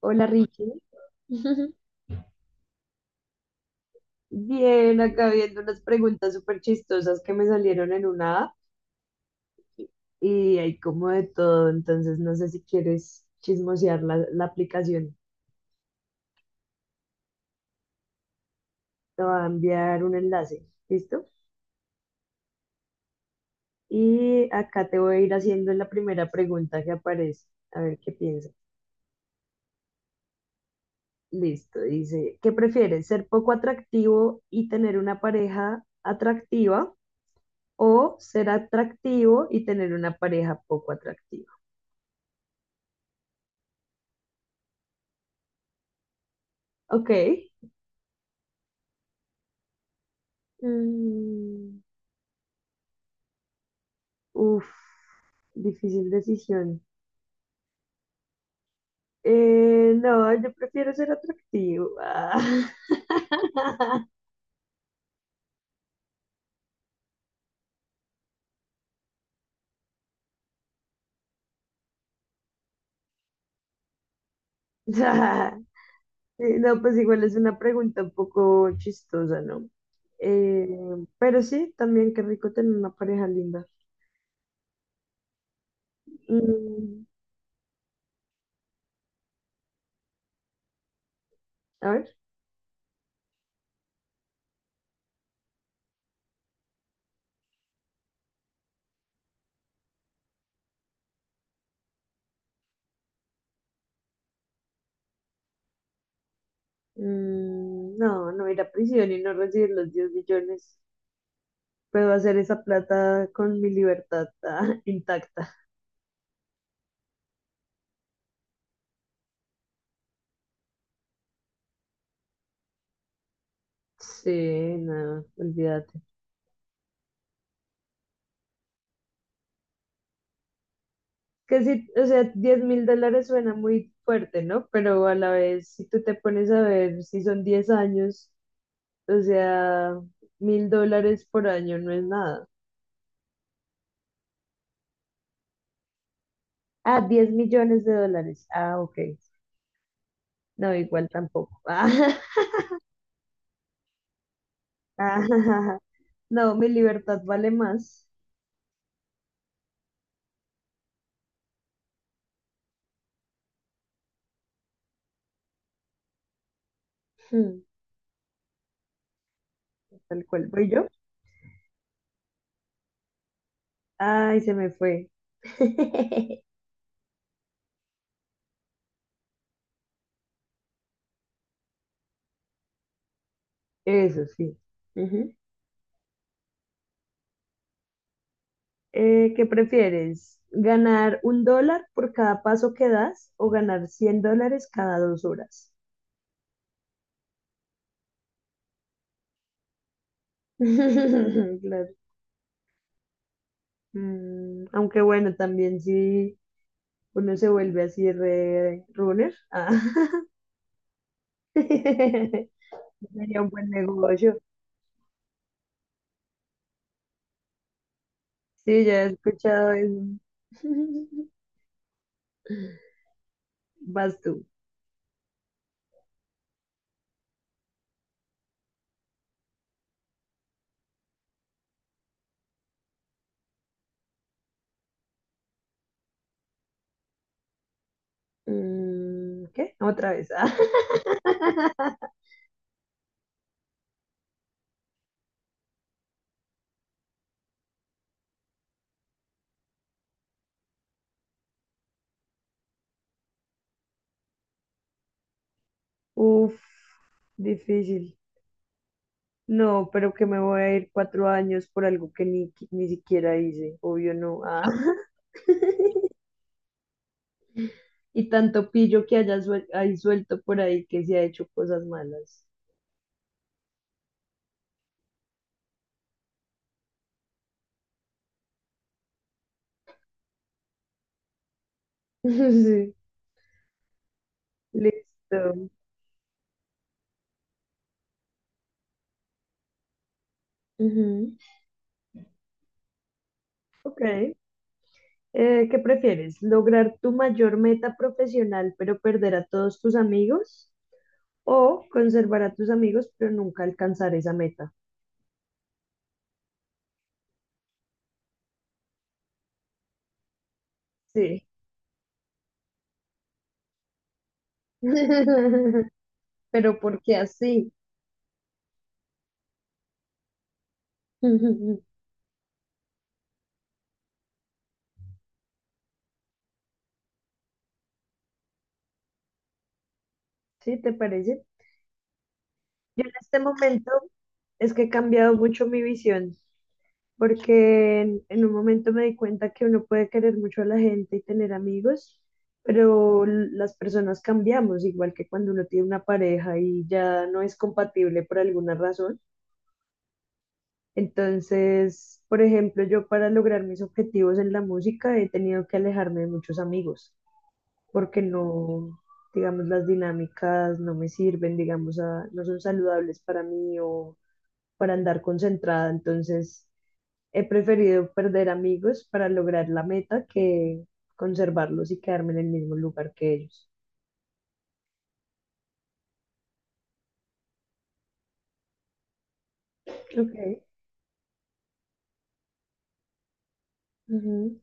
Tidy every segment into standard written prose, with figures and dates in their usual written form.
Hola Richie. Bien, acá viendo unas preguntas súper chistosas que me salieron en una app y hay como de todo, entonces no sé si quieres chismosear la aplicación. Te voy a enviar un enlace, ¿listo? Y acá te voy a ir haciendo la primera pregunta que aparece, a ver qué piensas. Listo, dice, ¿qué prefieres? ¿Ser poco atractivo y tener una pareja atractiva o ser atractivo y tener una pareja poco atractiva? Ok. Mm, uf, difícil decisión. No, yo prefiero ser atractivo. Ah. No, pues igual es una pregunta un poco chistosa, ¿no? Eh, pero sí, también qué rico tener una pareja linda. Mm, a ver, no, no ir a prisión y no recibir los 10 millones. Puedo hacer esa plata con mi libertad intacta. Sí, no, olvídate. Que sí, o sea, $10.000 suena muy fuerte, ¿no? Pero a la vez, si tú te pones a ver si son 10 años, o sea, $1.000 por año no es nada. Ah, 10 millones de dólares. Ah, ok. No, igual tampoco. Ah, ah, no, mi libertad vale más. Hmm, Tal cual voy yo. Ay, se me fue. Eso sí. ¿Qué prefieres? ¿Ganar $1 por cada paso que das o ganar $100 cada 2 horas? Claro. Aunque bueno, también si uno se vuelve así re runner, sería un buen negocio. Sí, ya he escuchado eso. Vas tú. ¿Qué? Otra vez. Ah. Uf, difícil. No, pero que me voy a ir 4 años por algo que ni siquiera hice, obvio no. Ah, y tanto pillo que hay suelto por ahí que se ha hecho cosas malas. Sí, listo. Ujú. Ok. ¿Qué prefieres? ¿Lograr tu mayor meta profesional pero perder a todos tus amigos? ¿O conservar a tus amigos pero nunca alcanzar esa meta? Sí. Pero ¿por qué así? ¿Sí te parece? Yo en este momento es que he cambiado mucho mi visión, porque en un momento me di cuenta que uno puede querer mucho a la gente y tener amigos, pero las personas cambiamos, igual que cuando uno tiene una pareja y ya no es compatible por alguna razón. Entonces, por ejemplo, yo para lograr mis objetivos en la música he tenido que alejarme de muchos amigos, porque no, digamos, las dinámicas no me sirven, digamos, a- no son saludables para mí o para andar concentrada. Entonces, he preferido perder amigos para lograr la meta que conservarlos y quedarme en el mismo lugar que ellos. Ok, ujú,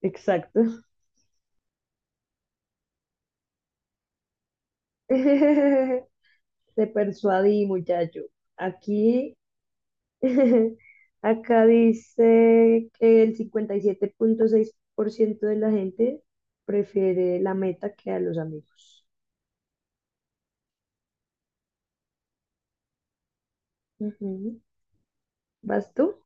exacto. Te persuadí, muchacho. Aquí, acá dice que el 57,6% de la gente prefiere la meta que a los amigos. Ujú. ¿Vas tú?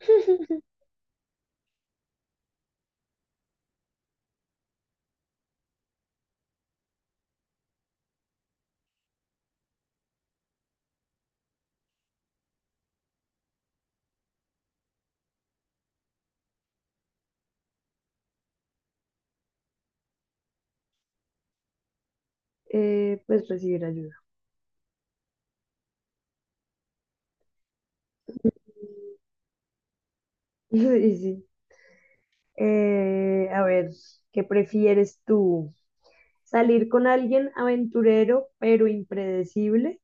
Pues recibir ayuda. Sí, sí. A ver, ¿qué prefieres tú? ¿Salir con alguien aventurero pero impredecible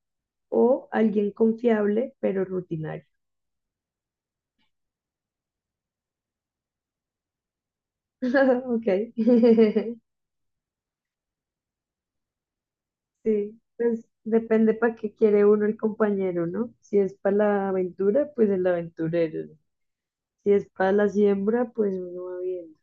o alguien confiable pero rutinario? Ok. Sí, pues depende para qué quiere uno el compañero, ¿no? Si es para la aventura, pues el aventurero. Si es para la siembra, pues uno va viendo.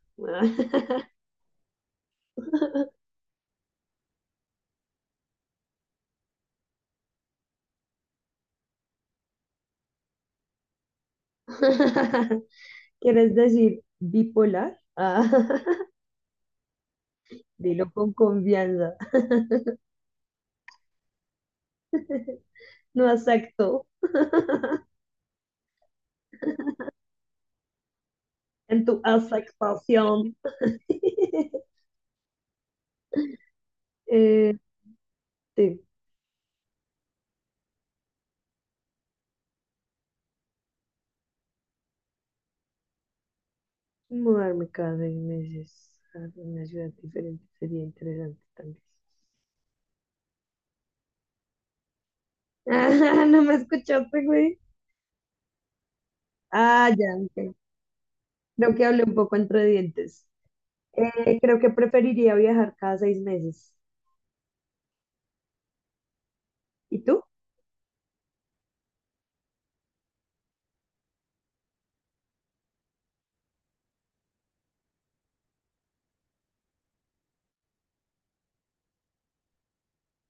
¿Quieres decir bipolar? Ah, dilo con confianza. No acepto en tu aceptación. Eh, sí, mudarme cada 6 meses a una ciudad diferente sería interesante también. Ah, no me escuchaste, güey. Ah, ya, ok. Creo que hablé un poco entre dientes. Creo que preferiría viajar cada 6 meses. ¿Y tú?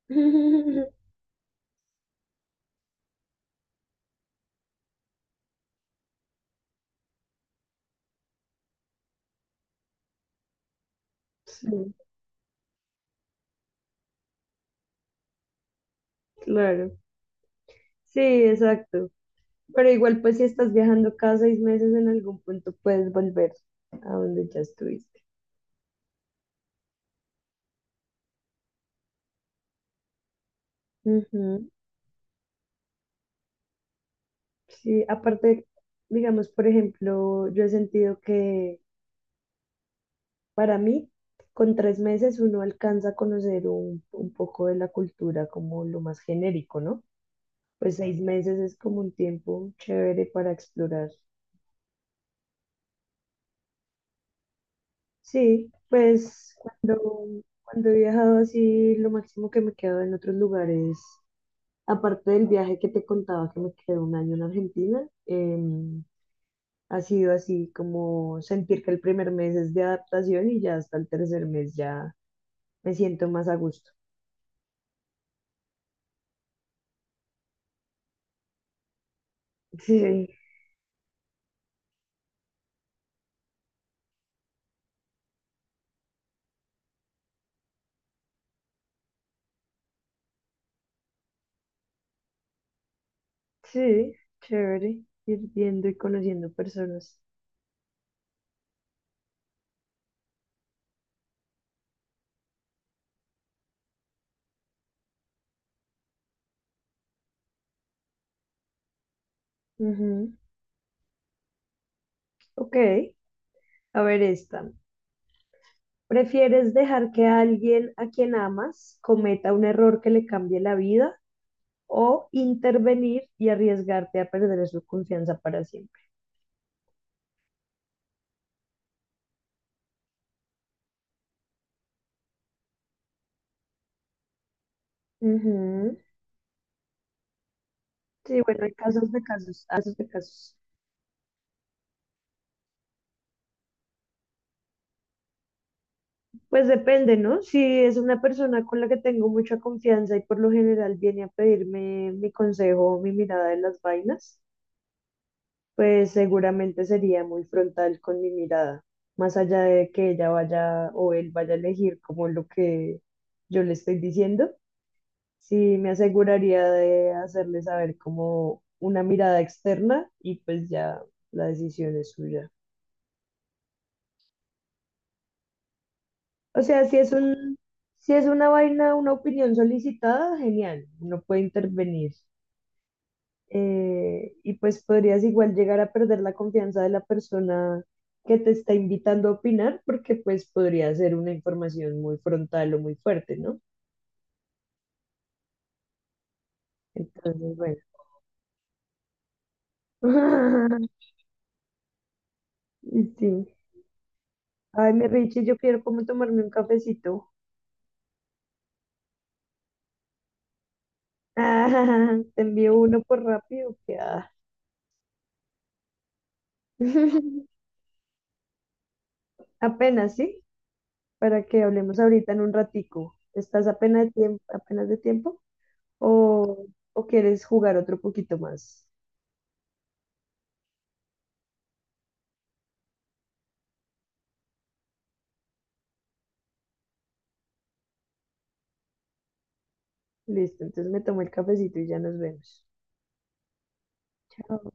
Sí, claro. Sí, exacto. Pero igual, pues si estás viajando cada 6 meses, en algún punto puedes volver a donde ya estuviste. Ujú. Sí, aparte, digamos, por ejemplo, yo he sentido que para mí, con 3 meses uno alcanza a conocer un poco de la cultura como lo más genérico, ¿no? Pues 6 meses es como un tiempo chévere para explorar. Sí, pues cuando he viajado así, lo máximo que me quedo en otros lugares, aparte del viaje que te contaba que me quedé un año en Argentina, ha sido así como sentir que el primer mes es de adaptación y ya hasta el tercer mes ya me siento más a gusto. Sí, sí, chévere, ir viendo y conociendo personas. Ujú. Ok, a ver esta. ¿Prefieres dejar que alguien a quien amas cometa un error que le cambie la vida o intervenir y arriesgarte a perder su confianza para siempre? Ujú. Sí, bueno, hay casos de casos, casos de casos. Pues depende, ¿no? Si es una persona con la que tengo mucha confianza y por lo general viene a pedirme mi consejo o mi mirada de las vainas, pues seguramente sería muy frontal con mi mirada, más allá de que ella vaya o él vaya a elegir como lo que yo le estoy diciendo, sí me aseguraría de hacerle saber como una mirada externa y pues ya la decisión es suya. O sea, si es una vaina, una opinión solicitada, genial, uno puede intervenir. Y pues podrías igual llegar a perder la confianza de la persona que te está invitando a opinar, porque pues podría ser una información muy frontal o muy fuerte, ¿no? Entonces, bueno. Y sí. Ay, mi Richie, yo quiero como tomarme un cafecito. Ah, te envío uno por rápido, que ah. Apenas, ¿sí? Para que hablemos ahorita en un ratico. ¿Estás apenas de tiempo o, o quieres jugar otro poquito más? Listo, entonces me tomo el cafecito y ya nos vemos. Chao.